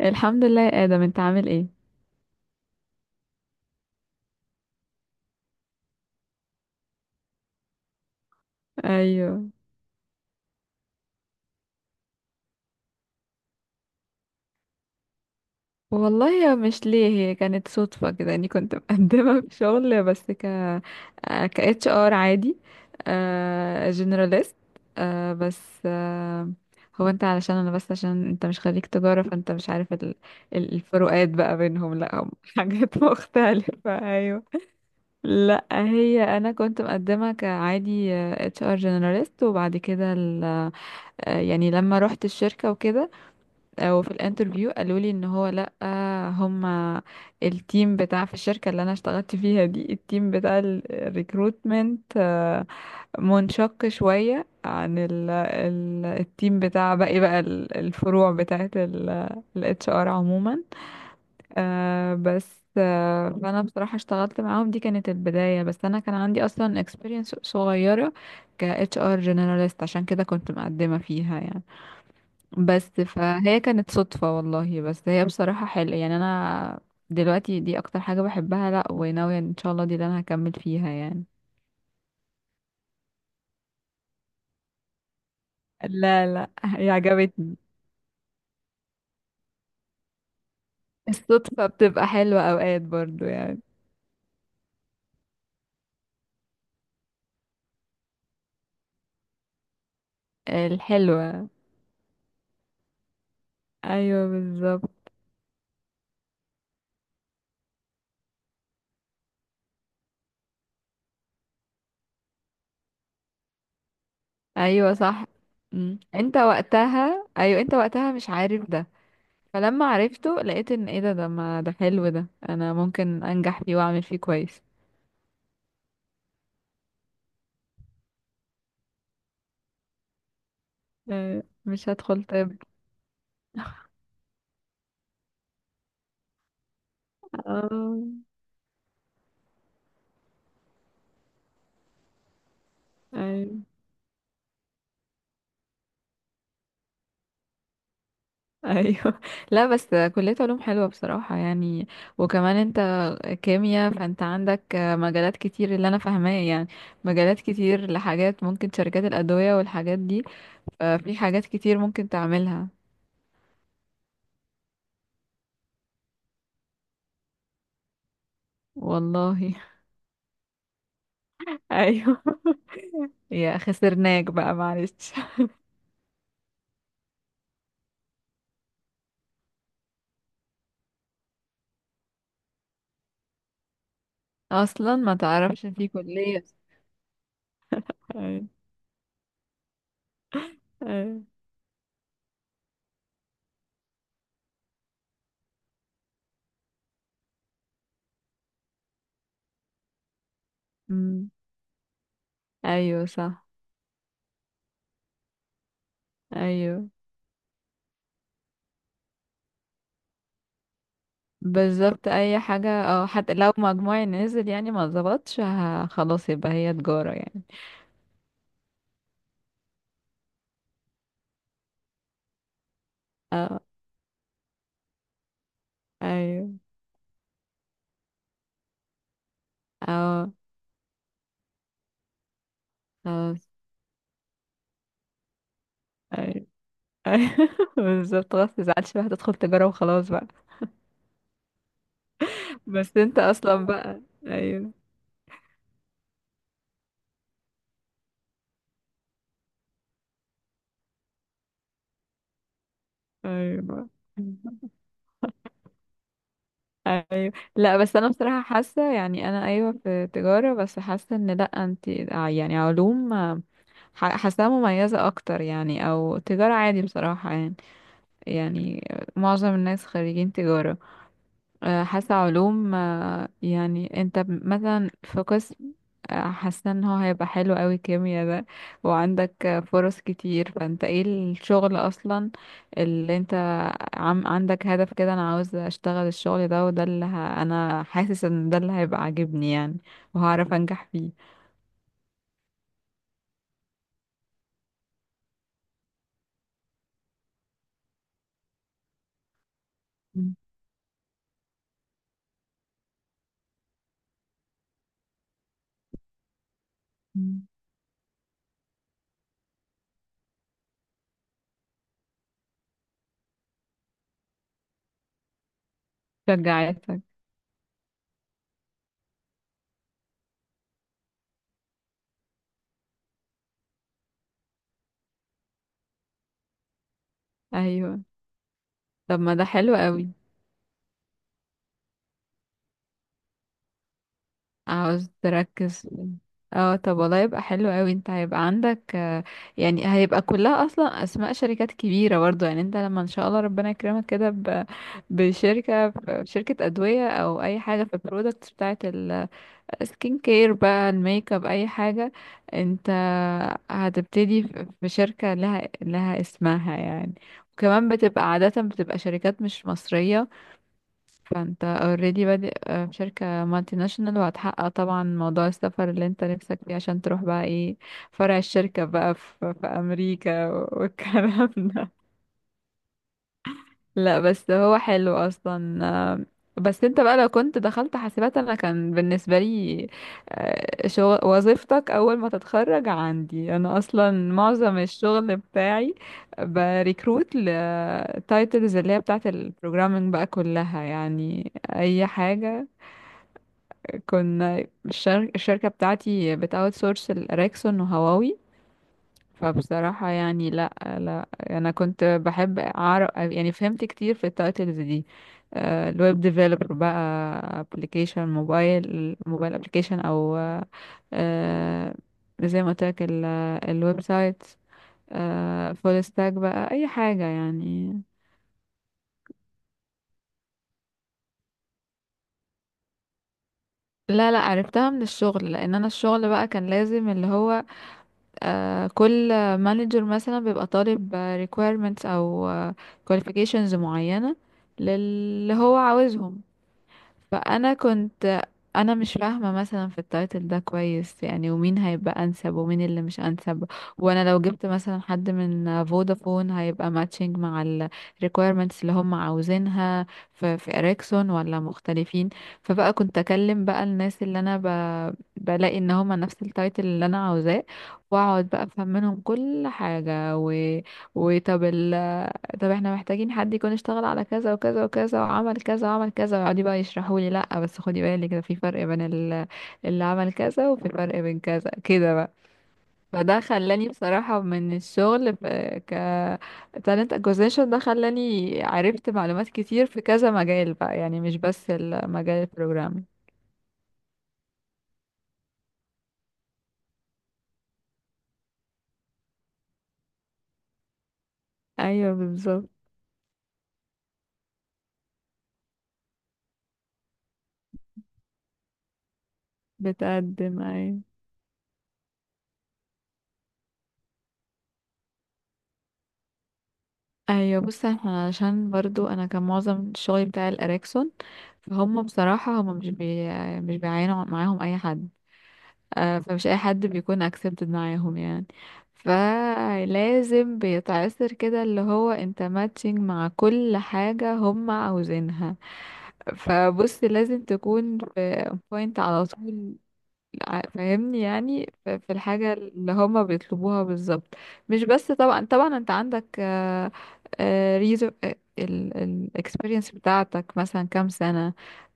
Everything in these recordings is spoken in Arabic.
الحمد لله يا آدم، انت عامل ايه؟ ايوه. والله يا مش ليه، هي كانت صدفة كده اني كنت مقدمة في شغل بس ك ك اتش ار عادي جنراليست. بس هو انت علشان انا بس عشان انت مش خريج تجارة، فانت مش عارف الفروقات بقى بينهم. لا هم حاجات مختلفة. ايوه. لا هي انا كنت مقدمة كعادي اتش ار جنراليست، وبعد كده ال... آه، يعني لما رحت الشركة وكده، وفي الانترفيو قالوا لي ان هو لا، هما التيم بتاع في الشركة اللي انا اشتغلت فيها دي، التيم بتاع الريكروتمنت منشق شوية عن ال التيم بتاع باقي بقى الفروع بتاعت ال اتش ار عموما. آه، بس آه، فانا بصراحة اشتغلت معاهم، دي كانت البداية. بس انا كان عندي اصلا experience صغيرة ك اتش ار generalist، عشان كده كنت مقدمة فيها يعني. بس فهي كانت صدفة والله، بس هي بصراحة حلوة. يعني أنا دلوقتي دي أكتر حاجة بحبها، لأ وناوية إن شاء الله دي اللي أنا هكمل فيها يعني. لا لا هي عجبتني. الصدفة بتبقى حلوة أوقات برضو يعني. الحلوة. أيوة بالظبط. أيوة صح. مم. أنت وقتها، أيوة أنت وقتها مش عارف ده. فلما عرفته لقيت إن إيه ده، ده ما ده حلو، ده أنا ممكن أنجح فيه وأعمل فيه كويس. أيوة، مش هدخل طب. اه. أيوة. ايوه. لا بس كلية علوم حلوة بصراحة يعني. وكمان انت كيمياء، فانت عندك مجالات كتير اللي انا فاهماه يعني. مجالات كتير لحاجات، ممكن شركات الأدوية والحاجات دي، ففي حاجات كتير ممكن تعملها. والله. ايوه. يا خسرناك بقى معلش. اصلا ما تعرفش في كلية. أيوة. أيوة. أمم، ايوه صح. ايوه بالظبط اي حاجة، اه حتى لو مجموعي نزل يعني ما ظبطش ه- خلاص يبقى هي تجارة يعني. اه. ايوه. اه. خلاص. ايوه. ايوه. بالظبط، خلاص متزعلش بقى، هتدخل تجارة وخلاص بقى. بس انت اصلا بقى. ايوه. ايوه. ايوه. لا بس انا بصراحة حاسة يعني، انا ايوه في تجارة بس حاسة ان لا انت يعني علوم، ح- حاساها مميزة اكتر يعني. او تجارة عادي بصراحة يعني. يعني معظم الناس خريجين تجارة. حاسة علوم يعني انت ب- مثلا في قسم، حاسة ان هو هيبقى حلو قوي كيميا ده. وعندك فرص كتير، فانت ايه، الشغل اصلا اللي انت عم عندك هدف كده، انا عاوز اشتغل الشغل ده وده اللي ه... انا حاسس ان ده اللي هيبقى عاجبني يعني، وهعرف انجح فيه. م- م. شجعتك. ايوه طب ما ده حلو قوي. عاوز تركز. اه طب والله يبقى حلو قوي. انت هيبقى عندك يعني هيبقى كلها اصلا اسماء شركات كبيره برضو يعني. انت لما ان شاء الله ربنا يكرمك كده ب- بشركه، شركه ادويه او اي حاجه في البرودكتس بتاعه السكين كير بقى، الميك اب، اي حاجه، انت هتبتدي في شركه لها اسمها يعني. وكمان بتبقى عاده بتبقى شركات مش مصريه، فانت اوريدي بادئ في شركة مالتي ناشونال، وهتحقق طبعا موضوع السفر اللي انت نفسك فيه، عشان تروح بقى ايه فرع الشركة بقى في امريكا والكلام ده. لا بس هو حلو اصلا. آه، بس انت بقى لو كنت دخلت حاسبات، انا كان بالنسبة لي شغل وظيفتك اول ما تتخرج عندي انا، اصلا معظم الشغل بتاعي بريكروت لتايتلز اللي هي بتاعت البروجرامينج بقى كلها يعني اي حاجة. كنا الشركة بتاعتي بتاوت سورس الأراكسون وهواوي. فبصراحة يعني لا، لا أنا كنت بحب أعرف، يعني فهمت كتير في التايتلز دي. الويب ديفلوبر بقى، ابلكيشن موبايل، موبايل ابلكيشن، أو آه، زي ما قلت لك الويب سايت، فول ستاك بقى أي حاجة يعني. لا لا عرفتها من الشغل، لأن أنا الشغل بقى كان لازم اللي هو كل مانجر مثلا بيبقى طالب requirements او qualifications معينة للي هو عاوزهم. فانا كنت انا مش فاهمه مثلا في التايتل ده كويس يعني، ومين هيبقى انسب ومين اللي مش انسب. وانا لو جبت مثلا حد من فودافون، هيبقى ماتشنج مع ال requirements اللي هم عاوزينها في اريكسون ولا مختلفين. فبقى كنت اكلم بقى الناس اللي انا بلاقي ان هم نفس التايتل اللي انا عاوزاه، واقعد بقى افهم منهم كل حاجه و... وطب طب احنا محتاجين حد يكون اشتغل على كذا وكذا وكذا، وعمل كذا وعمل كذا، ويقعدي بقى يشرحوا لي لا بس خدي بالك ده في فرق بين اللي عمل كذا وفي فرق بين كذا كده بقى. فده خلاني بصراحة من الشغل ك talent acquisition، ده خلاني عرفت معلومات كتير في كذا مجال بقى يعني، مش بس المجال البروجرامي. ايوه بالظبط. بتقدم ايوه. ايوه بص، احنا عشان برضو انا كان معظم الشغل بتاع الاريكسون، هم بصراحة هم مش بيعينوا معاهم أي حد. فمش أي حد بيكون accepted معاهم يعني. فلازم بيتعسر كده اللي هو انت ماتشنج مع كل حاجة هم عاوزينها. فبص لازم تكون في point على طول، ع- فاهمني يعني ف- في الحاجة اللي هما بيطلبوها بالظبط. مش بس طبعا طبعا انت عندك ريزو الاكسبيرينس بتاعتك مثلا كام سنة.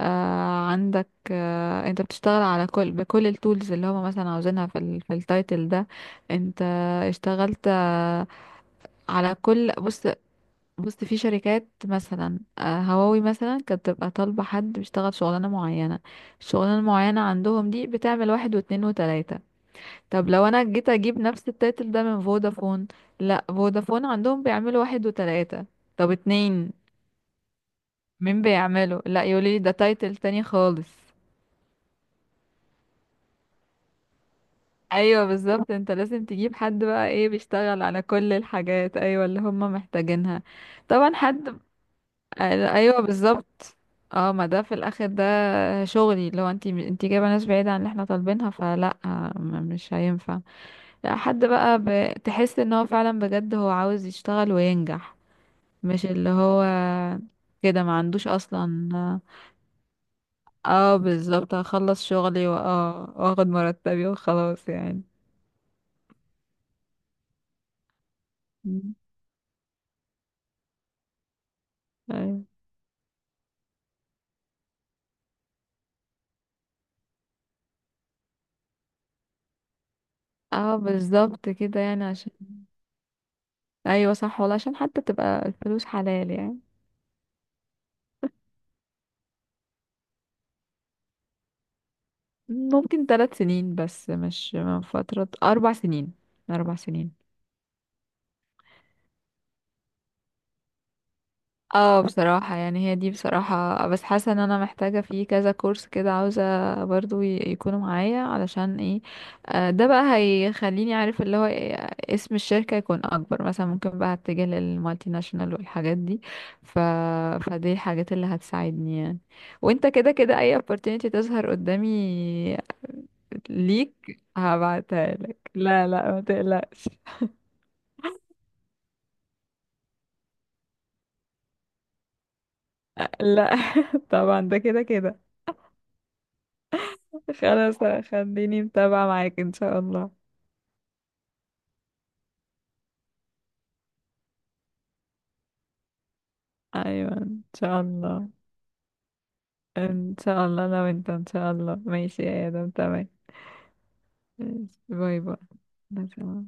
عندك انت بتشتغل على كل، بكل التولز اللي هما مثلا عاوزينها في ال في التايتل ده، انت اشتغلت على كل. بص بص، في شركات مثلا هواوي مثلا كانت بتبقى طالبة حد بيشتغل شغلانة معينة. الشغلانة المعينة عندهم دي بتعمل واحد واتنين وتلاتة. طب لو انا جيت اجيب نفس التايتل ده من فودافون، لا فودافون عندهم بيعملوا واحد وتلاتة. طب اتنين مين بيعمله؟ لا يقولي ده تايتل تاني خالص. ايوه بالظبط، انت لازم تجيب حد بقى ايه بيشتغل على كل الحاجات ايوه اللي هم محتاجينها. طبعا حد ايوه بالظبط. اه ما ده في الاخر ده شغلي، لو انتي انتي جايبه ناس بعيده عن اللي احنا طالبينها فلا، مش هينفع. لا حد بقى تحس ان هو فعلا بجد هو عاوز يشتغل وينجح، مش اللي هو كده ما عندوش اصلا. اه بالظبط، هخلص شغلي واه واخد مرتبي وخلاص يعني. مم. ايوه. اه بالظبط كده يعني عشان. ايوه صح والله، عشان حتى تبقى الفلوس حلال يعني. ممكن 3 سنين، بس مش من فترة، 4 سنين. 4 سنين. اه بصراحة يعني هي دي بصراحة، بس حاسة ان انا محتاجة في كذا كورس كده، عاوزة برضو ي- يكونوا معايا علشان ايه، ده بقى هيخليني عارف اللي هو إيه، اسم الشركة يكون اكبر، مثلا ممكن بقى اتجه للمالتي ناشونال والحاجات دي. ف... فدي الحاجات اللي هتساعدني يعني. وانت كده كده اي opportunity تظهر قدامي ليك هبعتها لك، لا لا ما تقلقش. لا طبعا ده كده كده. خلاص خليني متابعة معاك ان شاء الله. ايوه ان شاء الله. ان شاء الله لو انت ان شاء الله. ماشي يا ادم، تمام. ماشي. باي باي. باي.